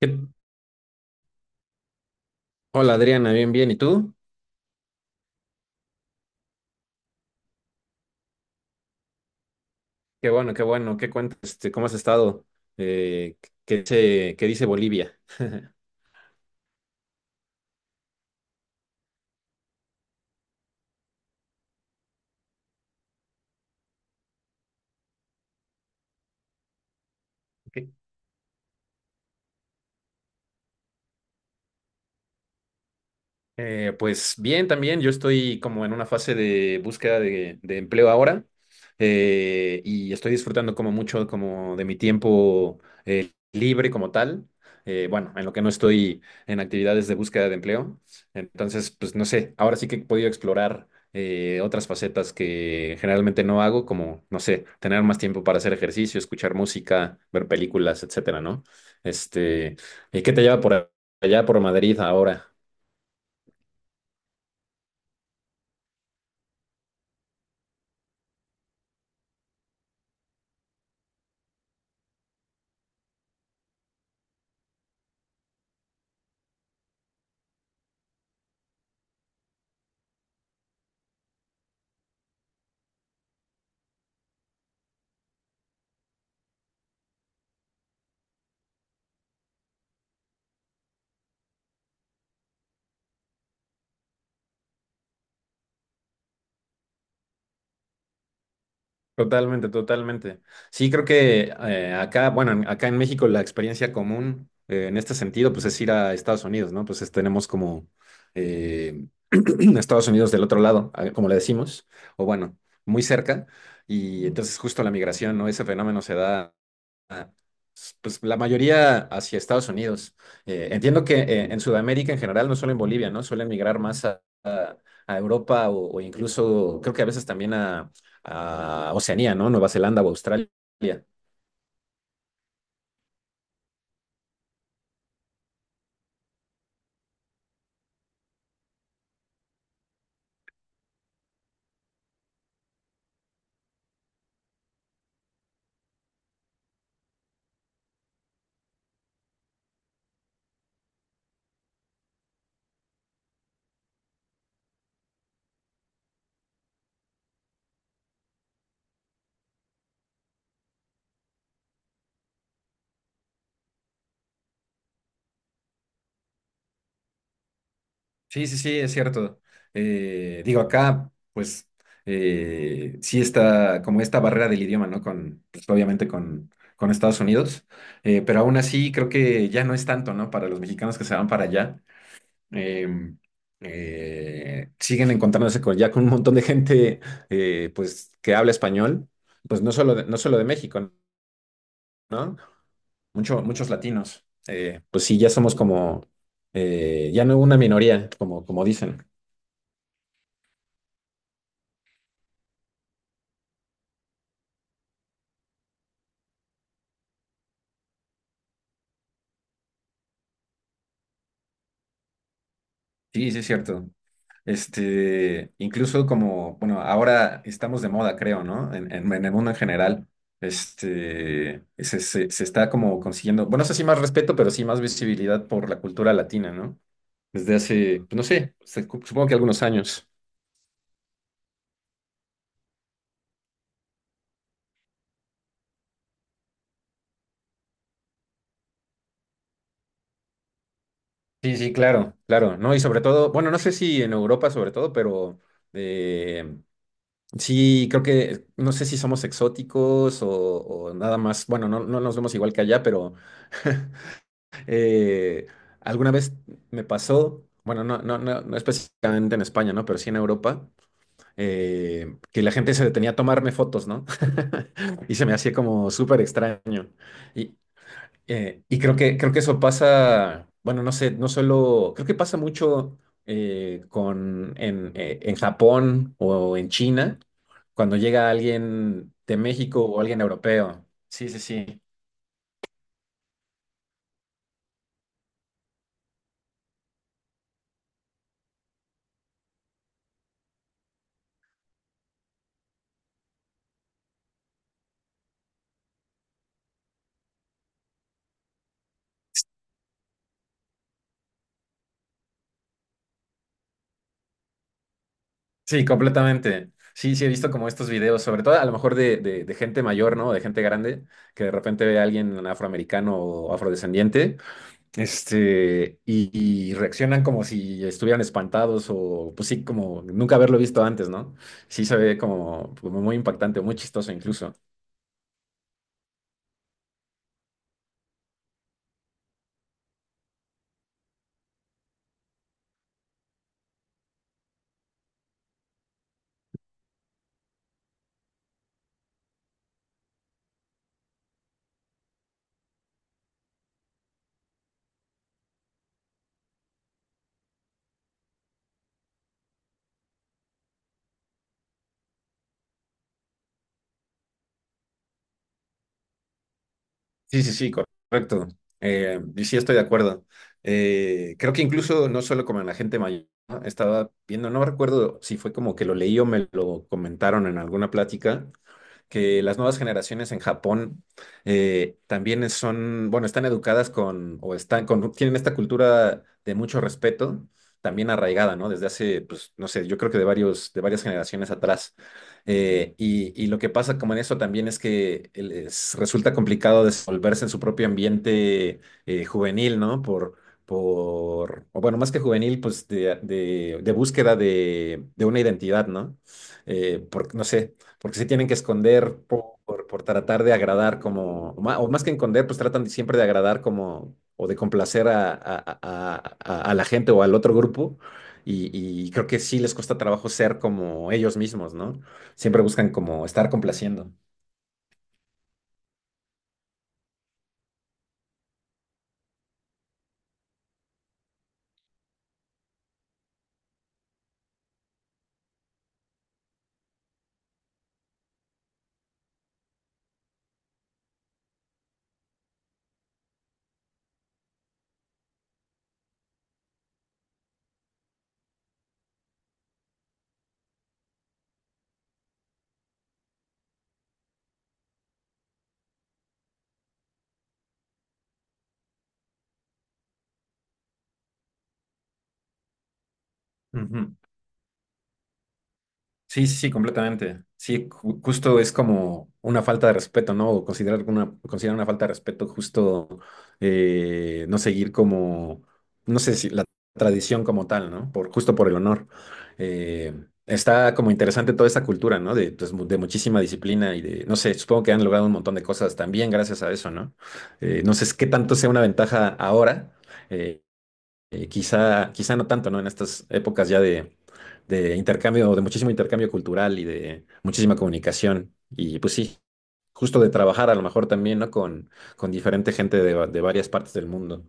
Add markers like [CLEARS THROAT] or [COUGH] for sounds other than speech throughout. ¿Qué- Hola Adriana, bien, bien. ¿Y tú? Qué bueno, qué bueno. ¿Qué cuentas? ¿Cómo has estado? Eh, ¿qué dice Bolivia? [LAUGHS] Ok. Pues bien, también yo estoy como en una fase de búsqueda de empleo ahora, y estoy disfrutando como mucho como de mi tiempo, libre como tal. Bueno, en lo que no estoy en actividades de búsqueda de empleo. Entonces, pues no sé, ahora sí que he podido explorar otras facetas que generalmente no hago, como, no sé, tener más tiempo para hacer ejercicio, escuchar música, ver películas, etcétera, ¿no? Este, ¿Y qué te lleva por allá, por Madrid ahora? Totalmente, totalmente. Sí, creo que acá, bueno, acá en México la experiencia común, en este sentido, pues es ir a Estados Unidos, ¿no? Tenemos como, eh, [CLEARS THROAT] Estados Unidos del otro lado, como le decimos, o bueno, muy cerca, y entonces justo la migración, ¿no? Ese fenómeno se da pues la mayoría hacia Estados Unidos. Entiendo que en Sudamérica en general, no solo en Bolivia, ¿no? Suelen migrar más a Europa o incluso creo que a veces también a Oceanía, ¿no? Nueva Zelanda o Australia. Sí, sí, sí, es cierto. Digo, acá, pues, sí está como esta barrera del idioma, ¿no? Con, pues, obviamente con Estados Unidos. Pero aún así creo que ya no es tanto, ¿no? Para los mexicanos que se van para allá. eh, Siguen encontrándose con, ya con un montón de gente, pues, que habla español, pues no solo de, no solo de México, ¿no? Muchos latinos. Pues sí, ya somos como, ya no una minoría, como, como dicen. Sí, sí, es cierto. Incluso como, bueno, ahora estamos de moda, creo, ¿no? En, en el mundo en general. Se está como consiguiendo, bueno, no sé si más respeto, pero sí más visibilidad por la cultura latina, ¿no? Desde hace, pues, no sé, supongo que algunos años. Sí, sí, claro, claro, ¿no? Y sobre todo, bueno, no sé si en Europa sobre todo, pero eh, sí, creo que, no sé si somos exóticos o nada más, bueno, no, no nos vemos igual que allá, pero [LAUGHS] eh, alguna vez me pasó, bueno, no, no, no, no específicamente en España, ¿no? Pero sí en Europa, que la gente se detenía a tomarme fotos, ¿no? [LAUGHS] Y se me hacía como súper extraño. Y, y creo que eso pasa, bueno, no sé, no solo, creo que pasa mucho con, en Japón o en China, cuando llega alguien de México o alguien europeo. Sí, sí, sí. Sí, completamente. Sí, sí, he visto como estos videos, sobre todo a lo mejor de gente mayor, ¿no? De gente grande, que de repente ve a alguien afroamericano o afrodescendiente. Y, y reaccionan como si estuvieran espantados o pues sí, como nunca haberlo visto antes, ¿no? Sí se ve como, como muy impactante, muy chistoso incluso. Sí, sí, sí, correcto. Y sí estoy de acuerdo. Creo que incluso no solo como en la gente mayor, ¿no? Estaba viendo, no recuerdo si fue como que lo leí o me lo comentaron en alguna plática, que las nuevas generaciones en Japón también son, bueno, están educadas con, o están con, tienen esta cultura de mucho respeto, también arraigada, ¿no? Desde hace, pues, no sé, yo creo que de varios, de varias generaciones atrás. Y, y lo que pasa como en eso también es que les resulta complicado desenvolverse en su propio ambiente juvenil, ¿no? Por, o bueno, más que juvenil, pues de, de búsqueda de una identidad, ¿no? No sé, porque se tienen que esconder por tratar de agradar como, o o más que esconder, pues tratan siempre de agradar como, o de complacer a la gente o al otro grupo. Y, y creo que sí les cuesta trabajo ser como ellos mismos, ¿no? Siempre buscan como estar complaciendo. Ujú. Sí, sí, sí, completamente. Sí, justo es como una falta de respeto, ¿no? O considerar una falta de respeto justo, no seguir como, no sé si la tradición como tal, ¿no? Por, justo por el honor. Eh, Está como interesante toda esta cultura, ¿no? De, pues, de muchísima disciplina y de, no sé, supongo que han logrado un montón de cosas también gracias a eso, ¿no? No sé es qué tanto sea una ventaja ahora. eh, Quizá, quizá no tanto, ¿no? En estas épocas ya de intercambio, de muchísimo intercambio cultural y de muchísima comunicación. Y pues sí, justo de trabajar a lo mejor también, ¿no? Con diferente gente de, de varias partes del mundo.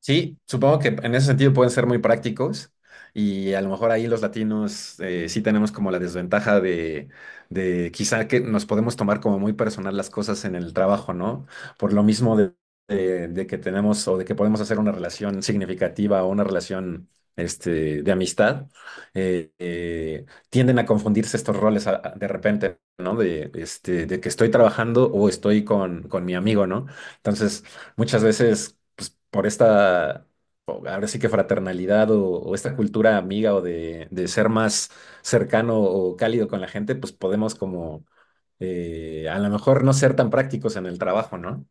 Sí, supongo que en ese sentido pueden ser muy prácticos y a lo mejor ahí los latinos, sí tenemos como la desventaja de- quizá que nos podemos tomar como muy personal las cosas en el trabajo, ¿no? Por lo mismo de, de que tenemos o de que podemos hacer una relación significativa o una relación, de amistad. eh, eh, Tienden a confundirse estos roles de repente, ¿no? De, este, de que estoy trabajando o estoy con mi amigo, ¿no? Entonces muchas veces, pues por esta, ahora sí que fraternalidad o esta cultura amiga o de ser más cercano o cálido con la gente, pues podemos como, a lo mejor no ser tan prácticos en el trabajo, ¿no?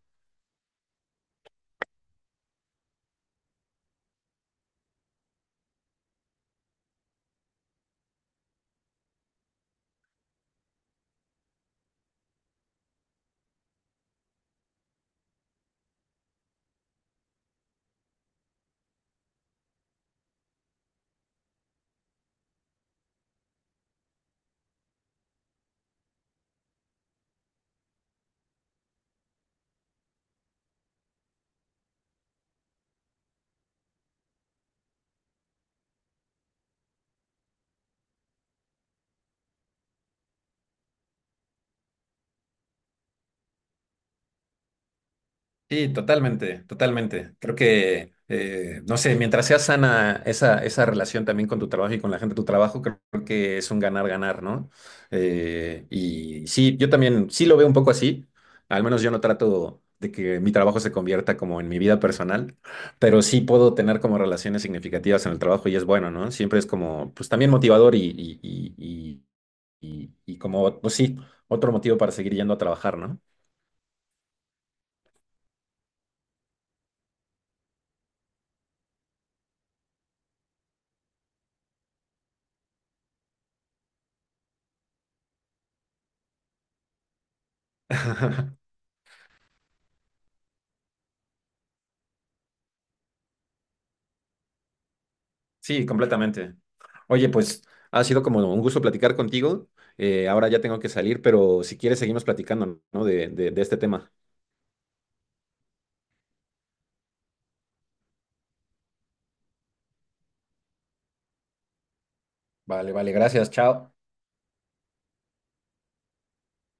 Sí, totalmente, totalmente. Creo que, no sé, mientras sea sana esa, esa relación también con tu trabajo y con la gente de tu trabajo, creo que es un ganar-ganar, ¿no? Y sí, yo también sí lo veo un poco así. Al menos yo no trato de que mi trabajo se convierta como en mi vida personal, pero sí puedo tener como relaciones significativas en el trabajo y es bueno, ¿no? Siempre es como, pues también motivador y como, pues sí, otro motivo para seguir yendo a trabajar, ¿no? [LAUGHS] Sí, completamente. Oye, pues ha sido como un gusto platicar contigo. Ahora ya tengo que salir, pero si quieres seguimos platicando, ¿no? De este tema. Vale, vale, gracias, chao.